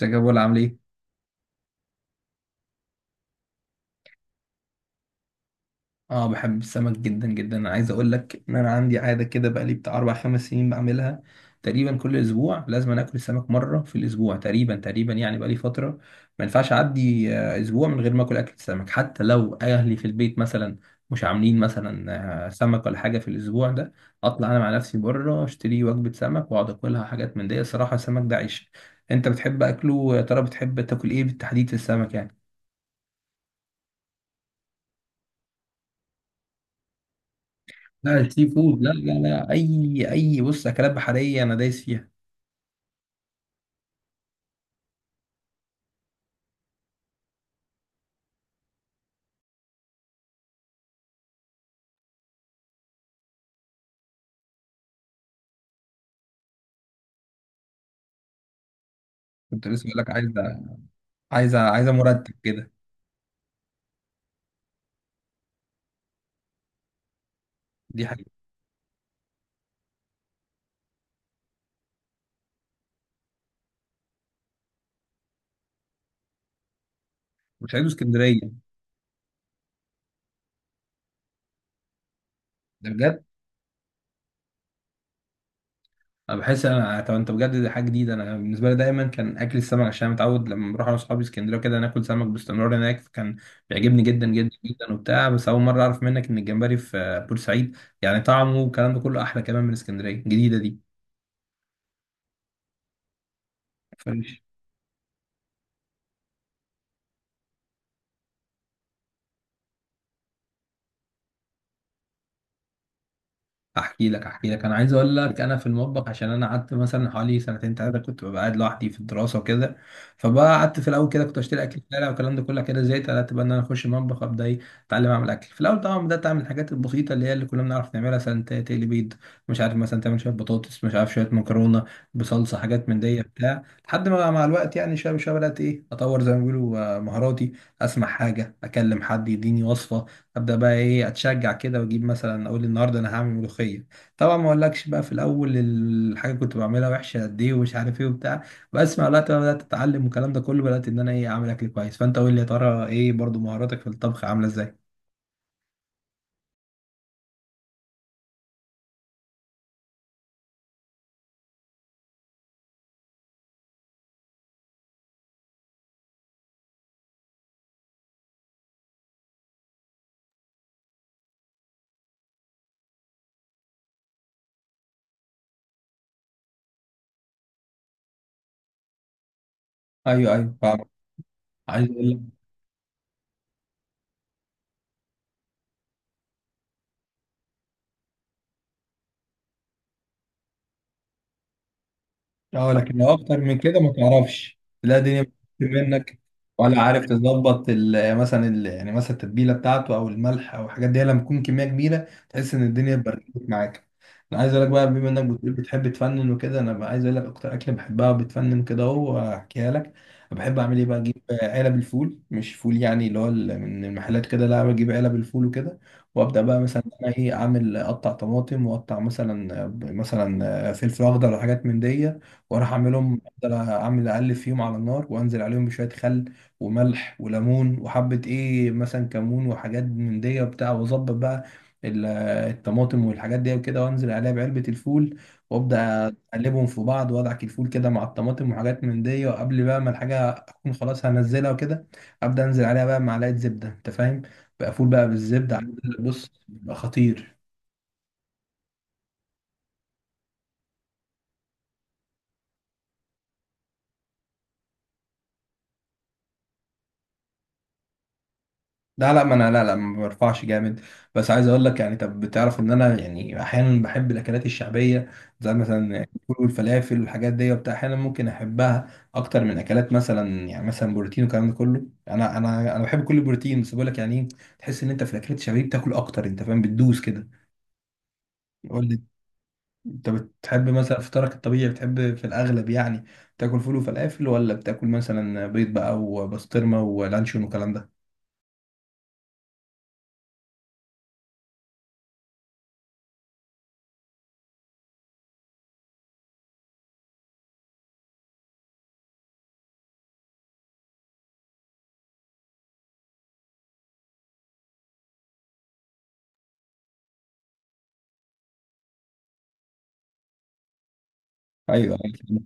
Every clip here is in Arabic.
ازيك يا بولا؟ عامل ايه؟ اه، بحب السمك جدا جدا. انا عايز اقول لك ان انا عندي عاده كده، بقالي بتاع اربع خمس سنين بعملها تقريبا. كل اسبوع لازم أنا اكل سمك مره في الاسبوع تقريبا تقريبا، يعني بقالي فتره ما ينفعش اعدي اسبوع من غير ما اكل سمك. حتى لو اهلي في البيت مثلا مش عاملين مثلا سمك ولا حاجه في الاسبوع ده، اطلع انا مع نفسي بره اشتري وجبه سمك واقعد اكلها، حاجات من دي. الصراحه السمك ده عيش. انت بتحب اكله؟ يا ترى بتحب تاكل ايه بالتحديد في السمك يعني؟ لا، السي فود، لا لا لا، اي بص، اكلات بحريه انا دايس فيها. كنت لسه بقول لك، عايزه عايزه عايزه مرتب كده. دي حاجه. مش عايزه اسكندريه. ده بجد. انا بحس انا، طب انت بجد، دي حاجه جديده. انا بالنسبه لي دايما كان اكل السمك، عشان أنا متعود لما بروح انا واصحابي اسكندريه كده ناكل سمك باستمرار هناك، فكان بيعجبني جدا جدا جدا وبتاع. بس اول مره اعرف منك ان الجمبري في بورسعيد يعني طعمه والكلام ده كله احلى كمان من اسكندريه الجديده دي. احكي لك احكي لك، انا عايز اقول لك انا في المطبخ، عشان انا قعدت مثلا حوالي سنتين ثلاثه كنت ببقى قاعد لوحدي في الدراسه وكده. فبقى قعدت في الاول كده كنت اشتري اكل في الشارع والكلام ده كله، كده زهقت قعدت بقى ان انا اخش المطبخ، ابدا ايه، اتعلم اعمل اكل. في الاول طبعا بدات اعمل الحاجات البسيطه اللي هي اللي كلنا بنعرف نعملها، مثلا تقلي بيض، مش عارف مثلا تعمل شويه بطاطس، مش عارف شويه مكرونه بصلصه، حاجات من دي بتاع. لحد ما مع الوقت يعني شويه شويه بدات ايه، اطور زي ما بيقولوا مهاراتي. اسمع حاجه، اكلم حد يديني وصفه، ابدا بقى ايه، اتشجع كده واجيب مثلا، اقول النهارده انا هعمل ملوخيه. طبعا ما اقولكش بقى في الاول الحاجه كنت بعملها وحشه قد ايه ومش عارف ايه وبتاع، بس مع الوقت بقى بدات اتعلم والكلام ده كله، بدات ان انا ايه، اعمل اكل كويس. فانت قول لي، يا ترى ايه برضو مهاراتك في الطبخ عامله ازاي؟ ايوه ايوه، فاهم. عايز اقول لك، اه لكن لو اكتر من كده ما تعرفش، تلاقي الدنيا بتفك منك. ولا عارف تظبط مثلا يعني مثلا التتبيله بتاعته او الملح او الحاجات دي؟ لما تكون كميه كبيره تحس ان الدنيه بردت معاك. انا عايز اقول لك بقى، بما انك بتقول بتحب تفنن وكده، انا بقى عايز اقول لك اكتر اكله بحبها وبتفنن كده، اهو احكيها لك. بحب اعمل ايه بقى، اجيب علب الفول، مش فول يعني اللي هو من المحلات كده، لا، بجيب علب الفول وكده، وابدا بقى مثلا انا ايه، اعمل اقطع طماطم واقطع مثلا مثلا فلفل اخضر وحاجات من دي، واروح اعملهم، افضل اعمل اقلب فيهم على النار وانزل عليهم بشويه خل وملح وليمون وحبه ايه مثلا كمون وحاجات من دي وبتاع، واظبط بقى ال- الطماطم والحاجات دي وكده، وانزل عليها بعلبه الفول، وابدا اقلبهم في بعض وادعك الفول كده مع الطماطم وحاجات من دي، وقبل بقى ما الحاجه اكون خلاص هنزلها وكده، ابدا انزل عليها بقى معلقه زبده. انت فاهم بقى؟ فول بقى بالزبده، بص بيبقى خطير. لا لا، ما انا لا لا ما برفعش جامد. بس عايز اقول لك يعني، طب بتعرف ان انا يعني احيانا بحب الاكلات الشعبيه زي مثلا الفول والفلافل والحاجات دي وبتاع؟ احيانا ممكن احبها اكتر من اكلات مثلا يعني مثلا بروتين والكلام ده كله. انا انا بحب كل البروتين، بس بقول لك يعني ايه، تحس ان انت في الاكلات الشعبيه بتاكل اكتر، انت فاهم، بتدوس كده. قول لي، انت بتحب مثلا فطارك الطبيعي بتحب في الاغلب يعني تاكل فول وفلافل، ولا بتاكل مثلا بيض بقى وبسطرمه ولانشون والكلام ده؟ ايوه، أيوة.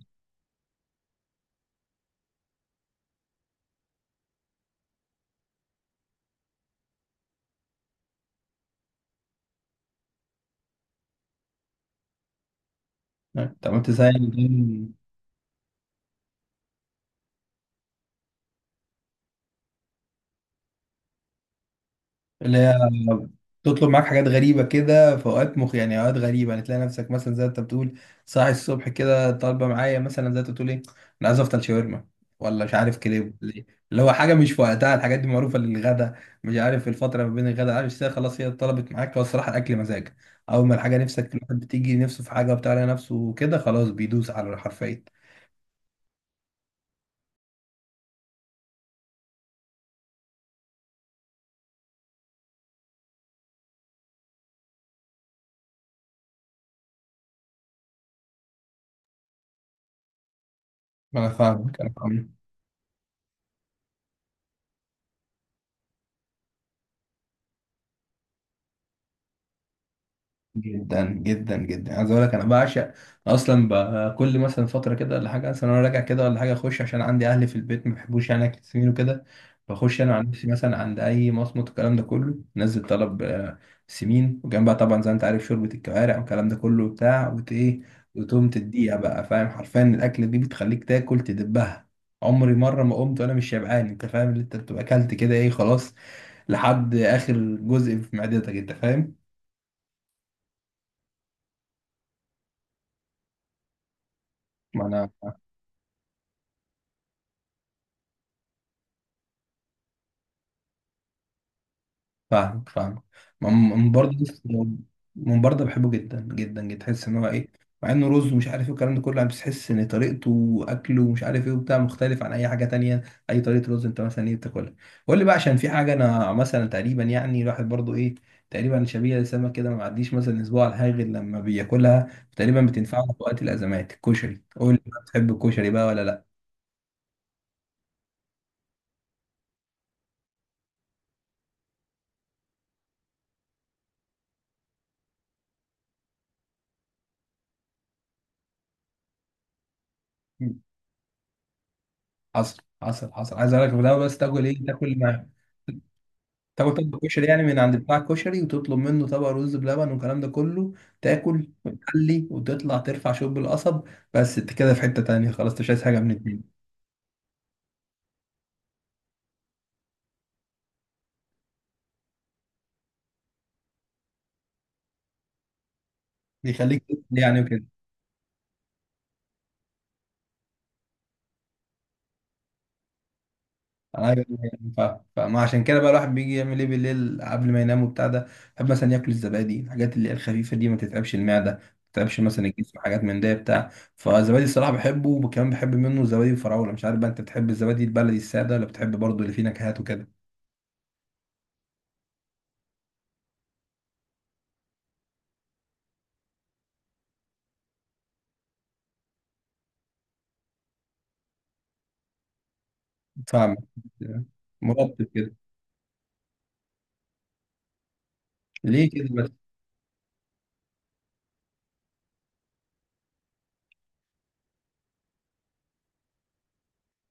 طب انت زي اللي هي، تطلب معاك حاجات غريبة كده في أوقات مخ، يعني أوقات غريبة، يعني تلاقي نفسك مثلا زي ما أنت بتقول، صاحي الصبح كده طالبة معايا مثلا زي ما أنت بتقول، إيه، أنا عايز أفطر شاورما ولا مش عارف كريب ولا إيه، اللي هو حاجة مش في وقتها، الحاجات دي معروفة للغدا، مش عارف الفترة ما بين الغدا، عارف، الساعة، خلاص هي طلبت معاك. هو الصراحة الأكل مزاج، أول ما الحاجة نفسك، الواحد بتيجي نفسه في حاجة وبتاع، على نفسه وكده، خلاص بيدوس على حرفيا. ما انا فاهمك، انا فاهمك. جدا جدا جدا، عايز اقول لك انا بعشق. اصلا كل مثلا فتره كده ولا حاجه، مثلا انا راجع كده ولا حاجه، اخش، عشان عندي اهلي في البيت ما بيحبوش يعني اكل سمين وكده. بخش انا عن نفسي مثلا عند اي مصمت، الكلام ده كله، نزل طلب سمين، وجنبها طبعا زي ما انت عارف شوربه الكوارع والكلام ده كله بتاع وت ايه، وتقوم تديها بقى، فاهم؟ حرفيا الاكله دي بتخليك تاكل تدبها. عمري مره ما قمت وانا مش شبعان، انت فاهم اللي انت بتبقى اكلت كده ايه، خلاص لحد اخر جزء في معدتك، انت فاهم. ما انا فاهمك فاهمك. من برضه من برضه بحبه جدا جدا جدا، تحس ان هو ايه، مع انه رز ومش عارف ايه والكلام ده كله يعني، بس تحس ان طريقته واكله ومش عارف ايه وبتاع مختلف عن اي حاجه تانية. اي طريقه رز انت مثلا ايه بتاكلها؟ قول لي بقى، عشان في حاجه انا مثلا تقريبا يعني الواحد برضه ايه، تقريبا شبيه لسمك كده، ما بعديش مثلا اسبوع على الحاجه غير لما بياكلها تقريبا، بتنفعه في وقت الازمات، الكشري. قول لي بقى، بتحب الكشري بقى ولا لا؟ حصل حصل حصل، عايز اقول لك في الاول بس، تاكل ايه؟ تاكل تاكل طبق كشري يعني من عند بتاع الكشري، وتطلب منه طبق رز بلبن والكلام ده كله، تاكل وتحلي وتطلع ترفع شوب القصب. بس انت كده في حتة تانية، خلاص انت مش عايز حاجة من الدنيا. بيخليك تفصل يعني وكده. ايوه يعني فما عشان كده بقى الواحد بيجي يعمل ايه بالليل قبل ما ينام وبتاع ده، يحب مثلا ياكل الزبادي، الحاجات اللي هي الخفيفة دي ما تتعبش المعدة، ما تتعبش مثلا الجسم، حاجات من ده بتاع. فالزبادي الصراحة بحبه، وكمان بحب منه الزبادي الفراولة. مش عارف بقى انت بتحب الزبادي البلدي السادة، ولا بتحب برضه اللي فيه نكهات وكده؟ فاهمك. مرتب كده. ليه كده بس؟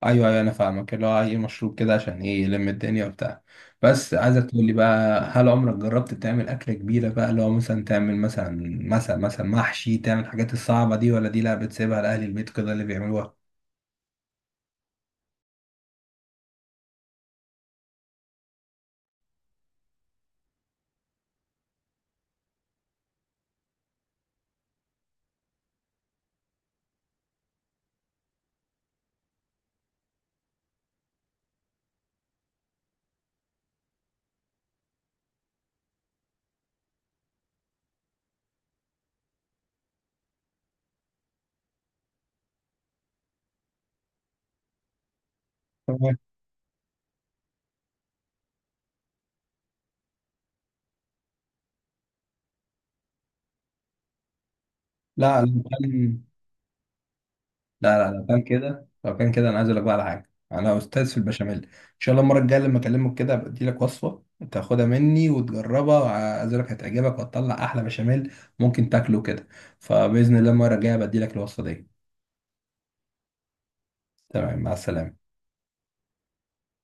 ايوه ايوه، انا فاهمك، اللي هو اي مشروب كده عشان ايه، يلم الدنيا وبتاع. بس عايزك تقول لي بقى، هل عمرك جربت تعمل اكله كبيره بقى اللي هو مثلا، تعمل مثلا مثلا محشي، تعمل الحاجات الصعبه دي، ولا دي لا بتسيبها لاهل البيت كده اللي بيعملوها؟ تمام. لا لا. لا لا، لو كان كده لو كان كده انا عايز اقول لك بقى على حاجه، انا استاذ في البشاميل. ان شاء الله المره الجايه لما اكلمك كده بدي لك وصفه، تاخدها مني وتجربها، وعايز أقول لك هتعجبك وهتطلع احلى بشاميل ممكن تاكله كده. فباذن الله المره الجايه بدي لك الوصفه دي. تمام، مع السلامه.